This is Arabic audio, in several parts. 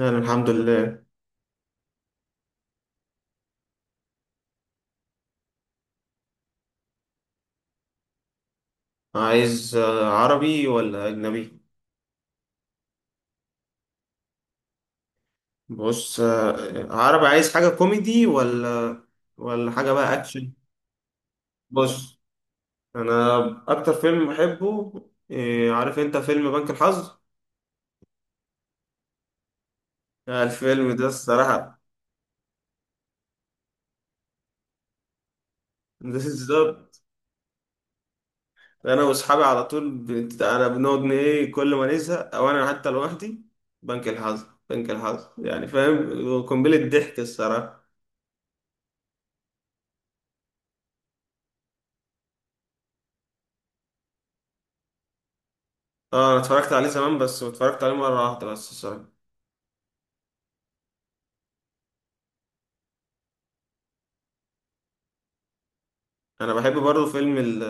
أنا الحمد لله. عايز عربي ولا أجنبي؟ بص، عربي، عايز حاجة كوميدي ولا حاجة بقى أكشن؟ بص، أنا أكتر فيلم بحبه، عارف أنت فيلم بنك الحظ؟ الفيلم ده الصراحة بالظبط. أنا وأصحابي على طول أنا بنقعد إيه، كل ما نزهق أو أنا حتى لوحدي، بنك الحظ يعني، فاهم، قنبلة ضحك الصراحة. اه، انا اتفرجت عليه زمان بس اتفرجت عليه مرة واحدة بس الصراحة. انا بحب برضه فيلم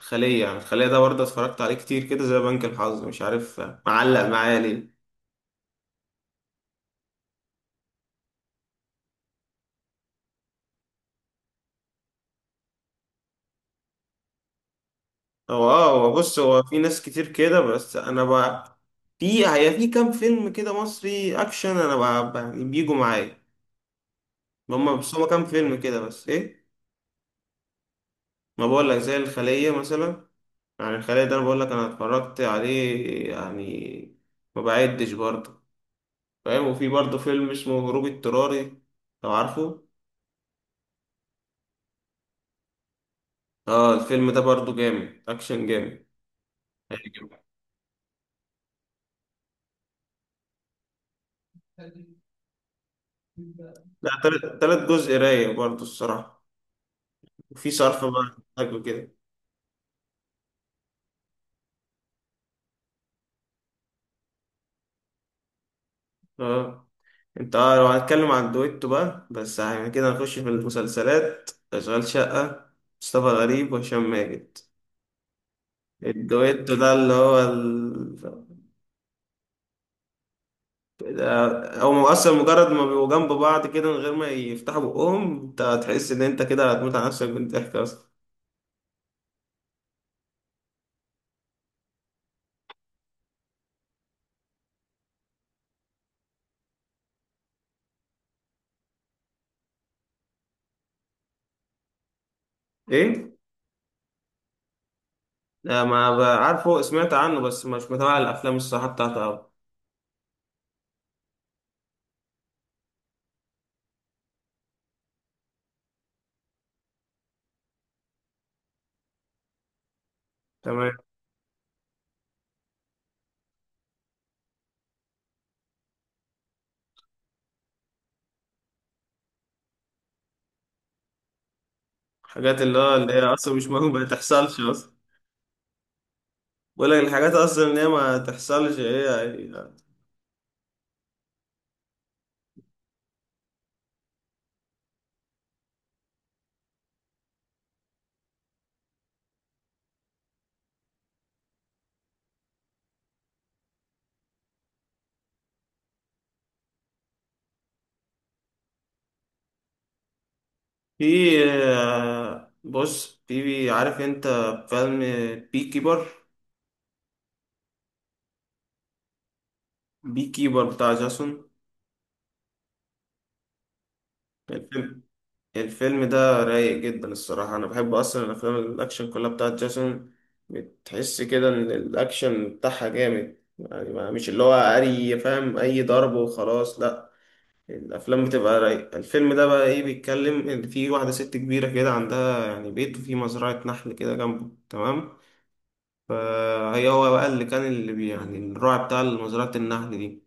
الخلية، يعني الخلية ده برضه اتفرجت عليه كتير كده زي بنك الحظ، مش عارف معلق معايا ليه. هو بص، هو في ناس كتير كده بس انا بقى، في في كام فيلم كده مصري اكشن انا بقى يعني بيجوا معايا. هما بس هما كام فيلم كده، بس ايه، ما بقول لك زي الخلية مثلا. يعني الخلية ده انا بقول لك انا اتفرجت عليه، يعني ما بعدش برضه، فاهم. وفي برضه فيلم اسمه هروب اضطراري، لو عارفه. اه، الفيلم ده برضو جامد، اكشن جامد، هيعجبك. لا، تلات جزء رايق برضو الصراحة، وفي صرف بقى حاجة كده. اه، انت اه، لو هنتكلم عن دويتو بقى، بس يعني كده هنخش في المسلسلات، اشغال شقة، مصطفى غريب وهشام ماجد، الدويتو ده اللي هو ال... هو اصلا مجرد ما بيبقوا جنب بعض كده من غير ما يفتحوا بقهم انت هتحس ان انت كده هتموت على نفسك من الضحك اصلا. ايه؟ لا ما ب- عارفه، سمعت عنه بس مش متابع الافلام الصراحه بتاعته أوي. تمام. حاجات اللي هو اللي هي اصلا مش مهم ما تحصلش اصلا. بقول لك الحاجات اصلا اللي هي ما تحصلش، هي- في بص، في، عارف انت، فيلم بي كيبر. بي كيبر بتاع جاسون. الفيلم ده رايق جدا الصراحة. أنا بحب أصلا الأفلام الأكشن كلها بتاعت جاسون. بتحس كده إن الأكشن بتاعها جامد يعني مش اللي هو أي، فاهم، أي ضرب وخلاص، لأ، الأفلام بتبقى رايقة. الفيلم ده بقى إيه، بيتكلم إن في واحدة ست كبيرة كده عندها يعني بيت وفي مزرعة نحل كده جنبه، تمام. فهي، هو بقى اللي كان اللي بي- يعني الراعي بتاع مزرعة النحل دي.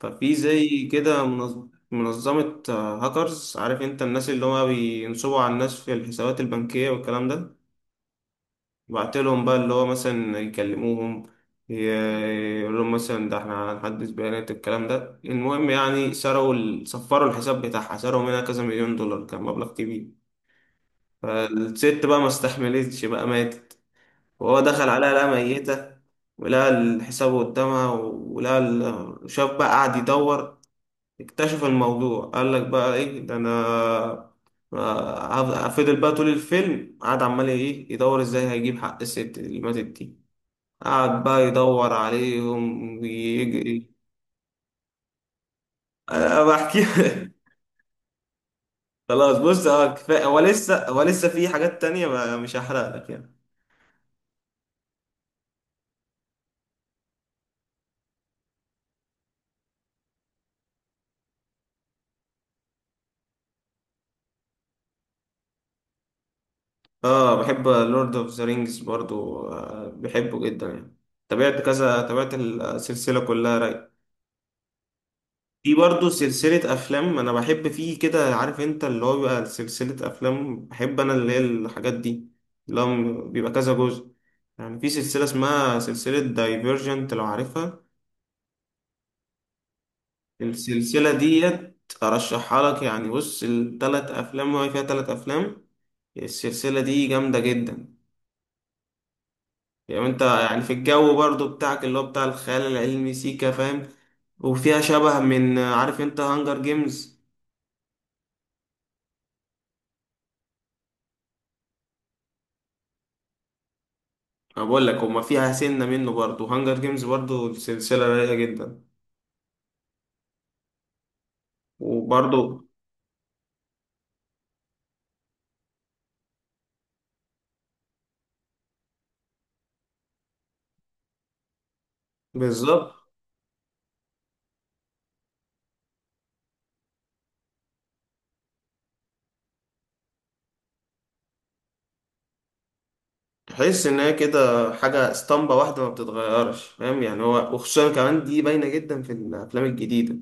ففي زي كده منظمة هاكرز، عارف انت الناس اللي هو بينصبوا على الناس في الحسابات البنكية والكلام ده. بعتلهم بقى اللي هو مثلا يكلموهم، ي- يقول لهم مثلا ده احنا هنحدث بيانات الكلام ده، المهم يعني سرقوا صفروا الحساب بتاعها، سرقوا منها كذا مليون دولار، كان مبلغ كبير. فالست بقى ما استحملتش بقى، ماتت، وهو دخل عليها لقى ميتة، ولقى الحساب قدامها، ولقى شاف بقى، قعد يدور، اكتشف الموضوع، قال لك بقى ايه ده انا، فضل بقى طول الفيلم قعد عمال ايه يدور ازاي هيجيب حق الست اللي ماتت دي، قعد بقى يدور عليهم ويجري. انا بحكي خلاص بص، هو كفايه، هو لسه في حاجات تانية بقى، مش هحرق لك يعني. اه، بحب لورد اوف ذا رينجز برضو، آه، بحبه جدا يعني، تابعت كذا، تابعت السلسلة كلها، راي. في برضو سلسلة أفلام أنا بحب فيه كده، عارف أنت اللي هو بيبقى سلسلة أفلام بحب أنا اللي هي الحاجات دي، اللي هو بيبقى كذا جزء. يعني في سلسلة اسمها سلسلة دايفيرجنت لو عارفها. السلسلة ديت أرشحها لك. يعني بص، التلات أفلام، هو فيها تلات أفلام، السلسلة دي جامدة جدا. يعني انت يعني في الجو برضو بتاعك اللي هو بتاع الخيال العلمي، سيكا، فاهم. وفيها شبه من، عارف انت، هانجر جيمز. انا بقول لك هما فيها سنة منه برضو، هانجر جيمز برضو سلسلة رايقة جدا. وبرضو، بالظبط، تحس ان هي كده حاجة اسطمبة واحدة ما بتتغيرش، فاهم، يعني هو، وخصوصا كمان دي باينة جدا في الافلام الجديدة.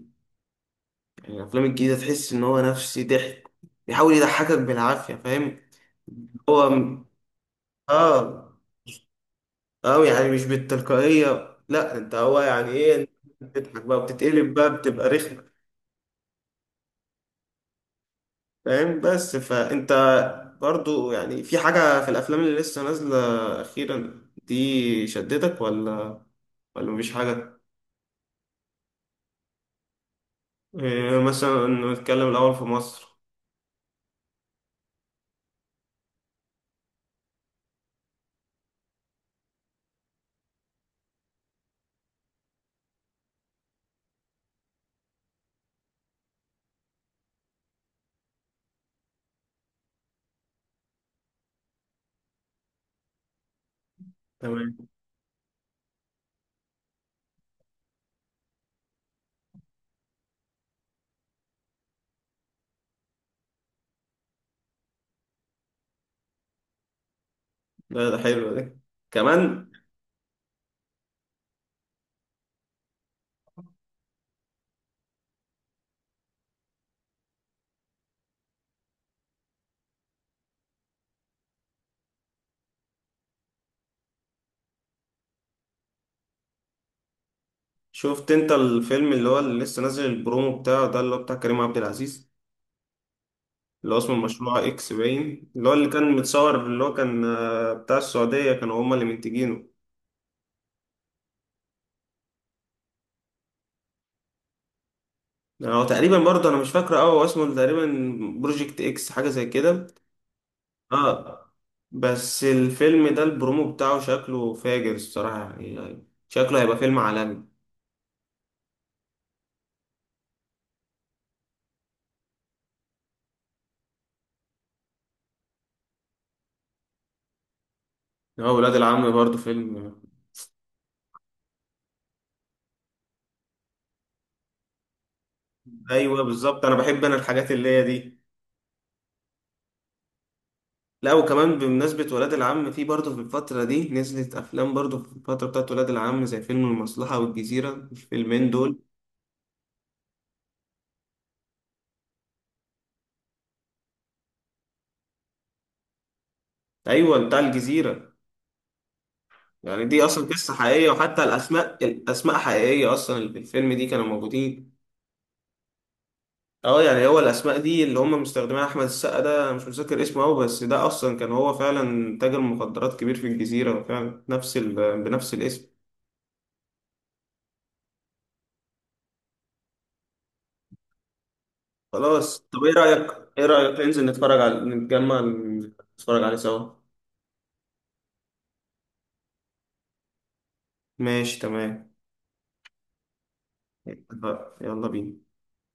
يعني الافلام الجديدة تحس ان هو نفسي ضحك، بيحاول يضحكك بالعافية، فاهم. هو اه، أوي يعني، مش بالتلقائية، لا، أنت هو يعني إيه أنت بتضحك بقى، بتتقلب بقى، بتبقى رخمة، فاهم، بس فأنت برضو يعني في حاجة في الأفلام اللي لسه نازلة أخيرا دي، شدتك ولا مفيش حاجة؟ إيه مثلا؟ نتكلم الأول في مصر. تمام. ده حلو ده، كمان. شفت أنت الفيلم اللي هو اللي لسه نازل البرومو بتاعه ده اللي هو بتاع كريم عبد العزيز، اللي هو اسمه المشروع اكس باين، اللي هو اللي كان متصور، اللي هو كان بتاع السعودية، كانوا هما اللي منتجينه. يعني هو تقريبا برضه انا مش فاكره قوي، هو اسمه تقريبا بروجكت اكس، حاجة زي كده. اه، بس الفيلم ده البرومو بتاعه شكله فاجر الصراحة، يعني شكله هيبقى فيلم عالمي. هو ولاد العم برضه فيلم. ايوه بالظبط، انا بحب انا الحاجات اللي هي دي. لا وكمان بمناسبة ولاد العم، في برضه في الفترة دي نزلت أفلام برضه في الفترة بتاعت ولاد العم زي فيلم المصلحة والجزيرة، الفيلمين دول. ايوه، بتاع الجزيره. يعني دي اصلا قصه حقيقيه، وحتى الاسماء، الاسماء حقيقيه اصلا اللي في الفيلم دي كانوا موجودين. اه، يعني هو الاسماء دي اللي هم مستخدمينها، احمد السقا ده أنا مش متذكر اسمه قوي، بس ده اصلا كان هو فعلا تاجر مخدرات كبير في الجزيره فعلا، نفس ال... بنفس الاسم. خلاص طب ايه رايك، ايه رايك ننزل نتفرج على، نتجمع نتفرج عليه سوا. ماشي تمام. اتفقنا. يلا بينا.